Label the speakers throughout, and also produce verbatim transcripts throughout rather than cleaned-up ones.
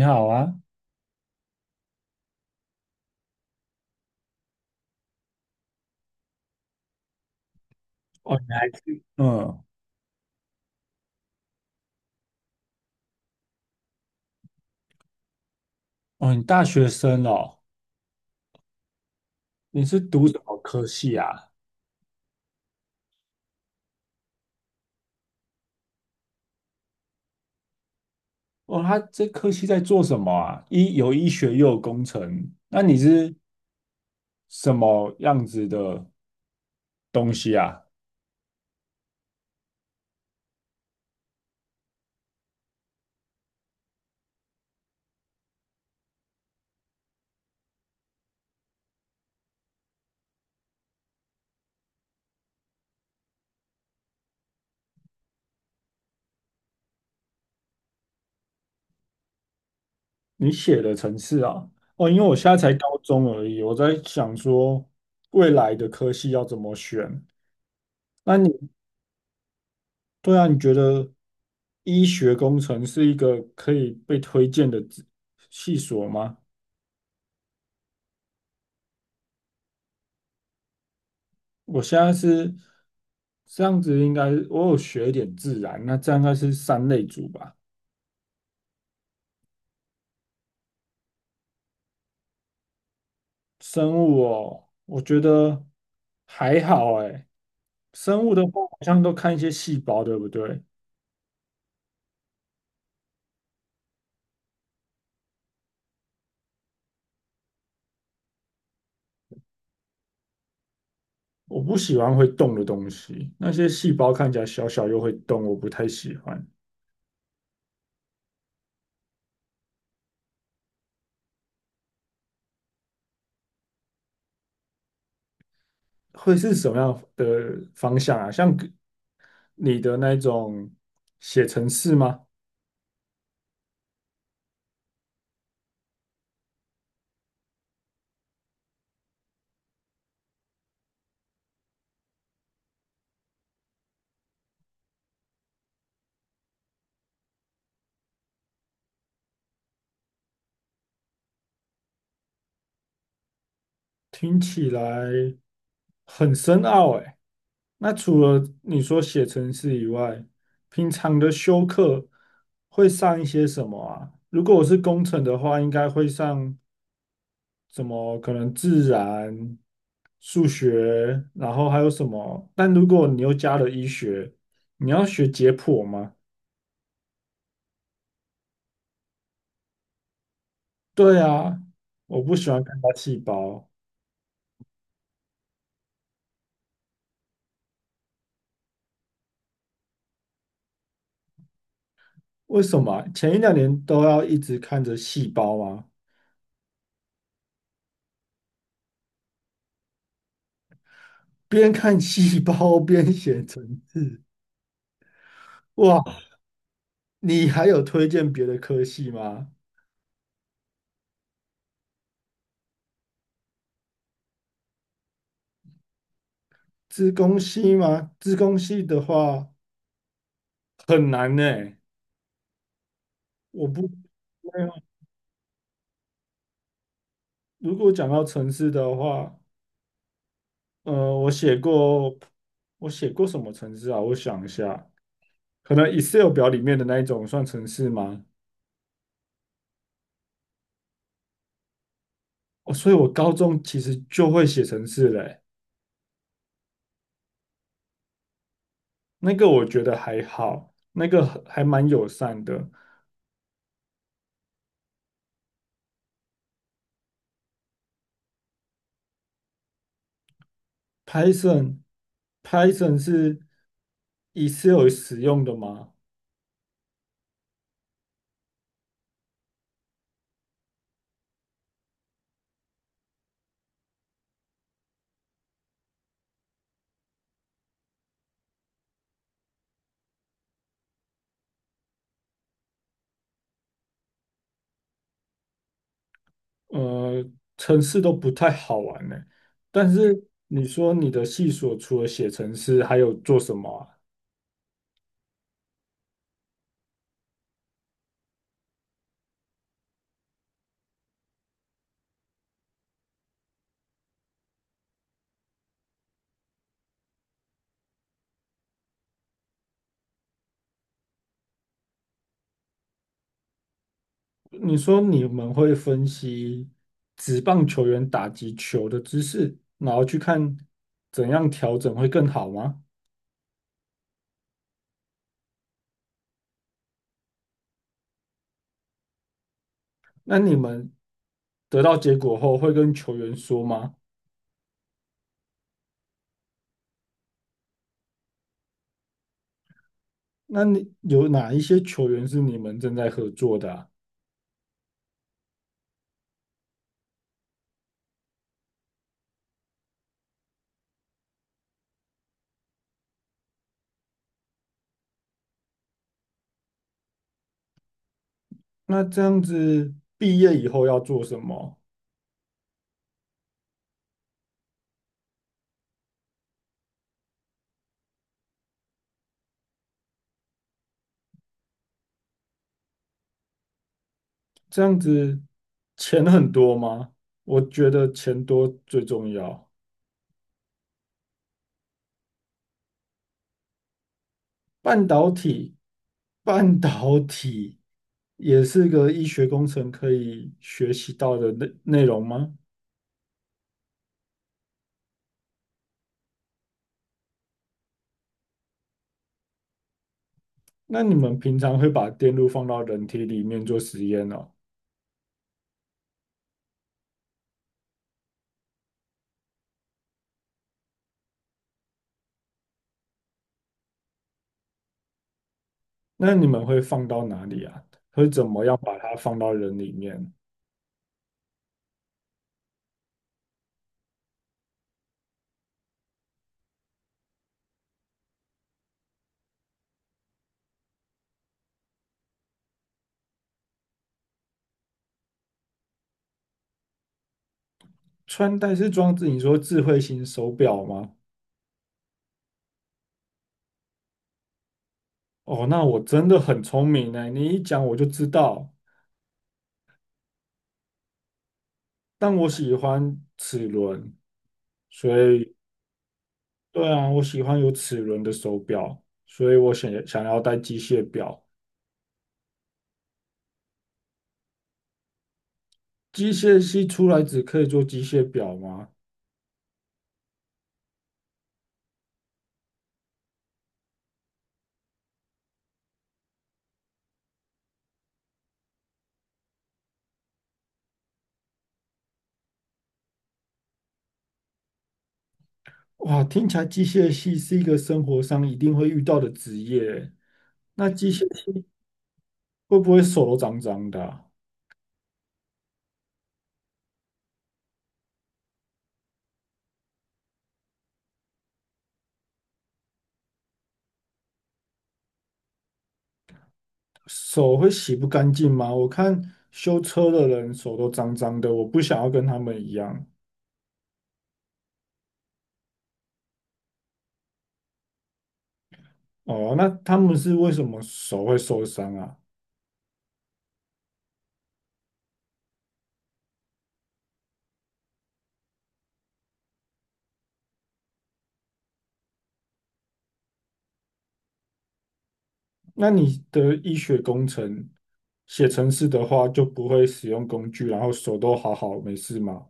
Speaker 1: 你好啊。哦，你还是嗯，哦，你大学生哦，你是读什么科系啊？哦，他这科系在做什么啊？医有医学又有工程，那你是什么样子的东西啊？你写的程式啊？哦，因为我现在才高中而已，我在想说未来的科系要怎么选。那你对啊，你觉得医学工程是一个可以被推荐的职系所吗？我现在是这样子，应该我有学一点自然，那这样应该是三类组吧。生物哦，我觉得还好诶。生物的话，好像都看一些细胞，对不对？我不喜欢会动的东西，那些细胞看起来小小又会动，我不太喜欢。会是什么样的方向啊？像你的那种写程式吗？听起来很深奥诶。那除了你说写程式以外，平常的修课会上一些什么啊？如果我是工程的话，应该会上什么？可能自然、数学，然后还有什么？但如果你又加了医学，你要学解剖吗？对啊，我不喜欢看到细胞。为什么啊前一两年都要一直看着细胞吗？边看细胞 边写程式哇，你还有推荐别的科系吗？资工系吗？资工系的话很难呢、我不，没有。如果讲到城市的话，呃，我写过，我写过什么城市啊？我想一下，可能 Excel 表里面的那一种算城市吗？哦，所以我高中其实就会写城市嘞、那个我觉得还好，那个还蛮友善的。Python， Python 是 Excel 使用的吗？呃，程式都不太好玩呢、但是你说你的系所除了写程式，还有做什么啊？你说你们会分析职棒球员打击球的姿势，然后去看怎样调整会更好吗？那你们得到结果后会跟球员说吗？那你有哪一些球员是你们正在合作的啊？那这样子毕业以后要做什么？这样子钱很多吗？我觉得钱多最重要。半导体，半导体也是个医学工程可以学习到的内内容吗？那你们平常会把电路放到人体里面做实验哦？那你们会放到哪里啊？会怎么样把它放到人里面？穿戴式装置，你说智慧型手表吗？哦，那我真的很聪明呢，你一讲我就知道。但我喜欢齿轮，所以对啊，我喜欢有齿轮的手表，所以我想想要戴机械表。机械系出来只可以做机械表吗？哇，听起来机械系是一个生活上一定会遇到的职业。那机械系会不会手都脏脏的啊手会洗不干净吗？我看修车的人手都脏脏的，我不想要跟他们一样。哦，那他们是为什么手会受伤啊？那你的医学工程写程式的话，就不会使用工具，然后手都好好没事吗？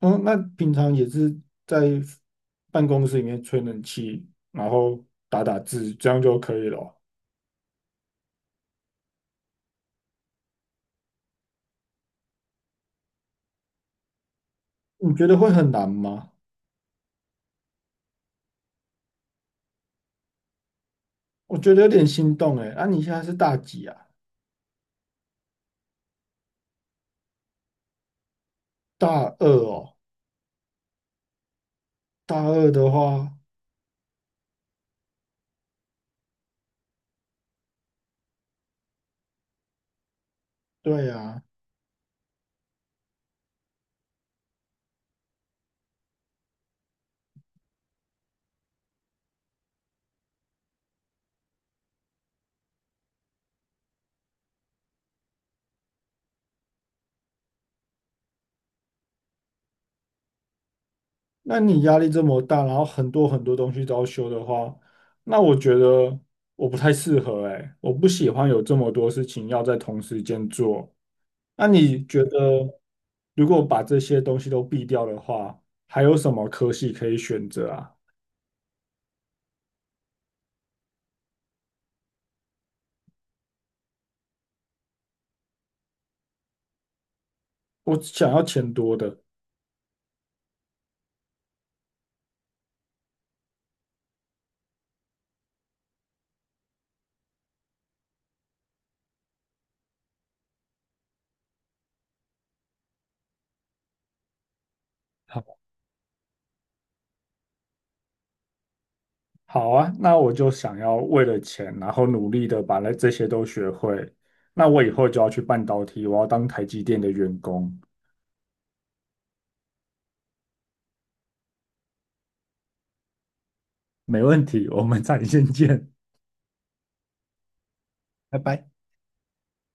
Speaker 1: 嗯，那平常也是在办公室里面吹冷气，然后打打字，这样就可以了哦。你觉得会很难吗？我觉得有点心动诶。那、你现在是大几啊？大二哦。大二的话，对呀、那你压力这么大，然后很多很多东西都要修的话，那我觉得我不太适合哎，我不喜欢有这么多事情要在同时间做。那你觉得，如果把这些东西都避掉的话，还有什么科系可以选择啊？我想要钱多的。好，好啊，那我就想要为了钱，然后努力的把那这些都学会。那我以后就要去半导体，我要当台积电的员工。没问题，我们再见见。拜拜。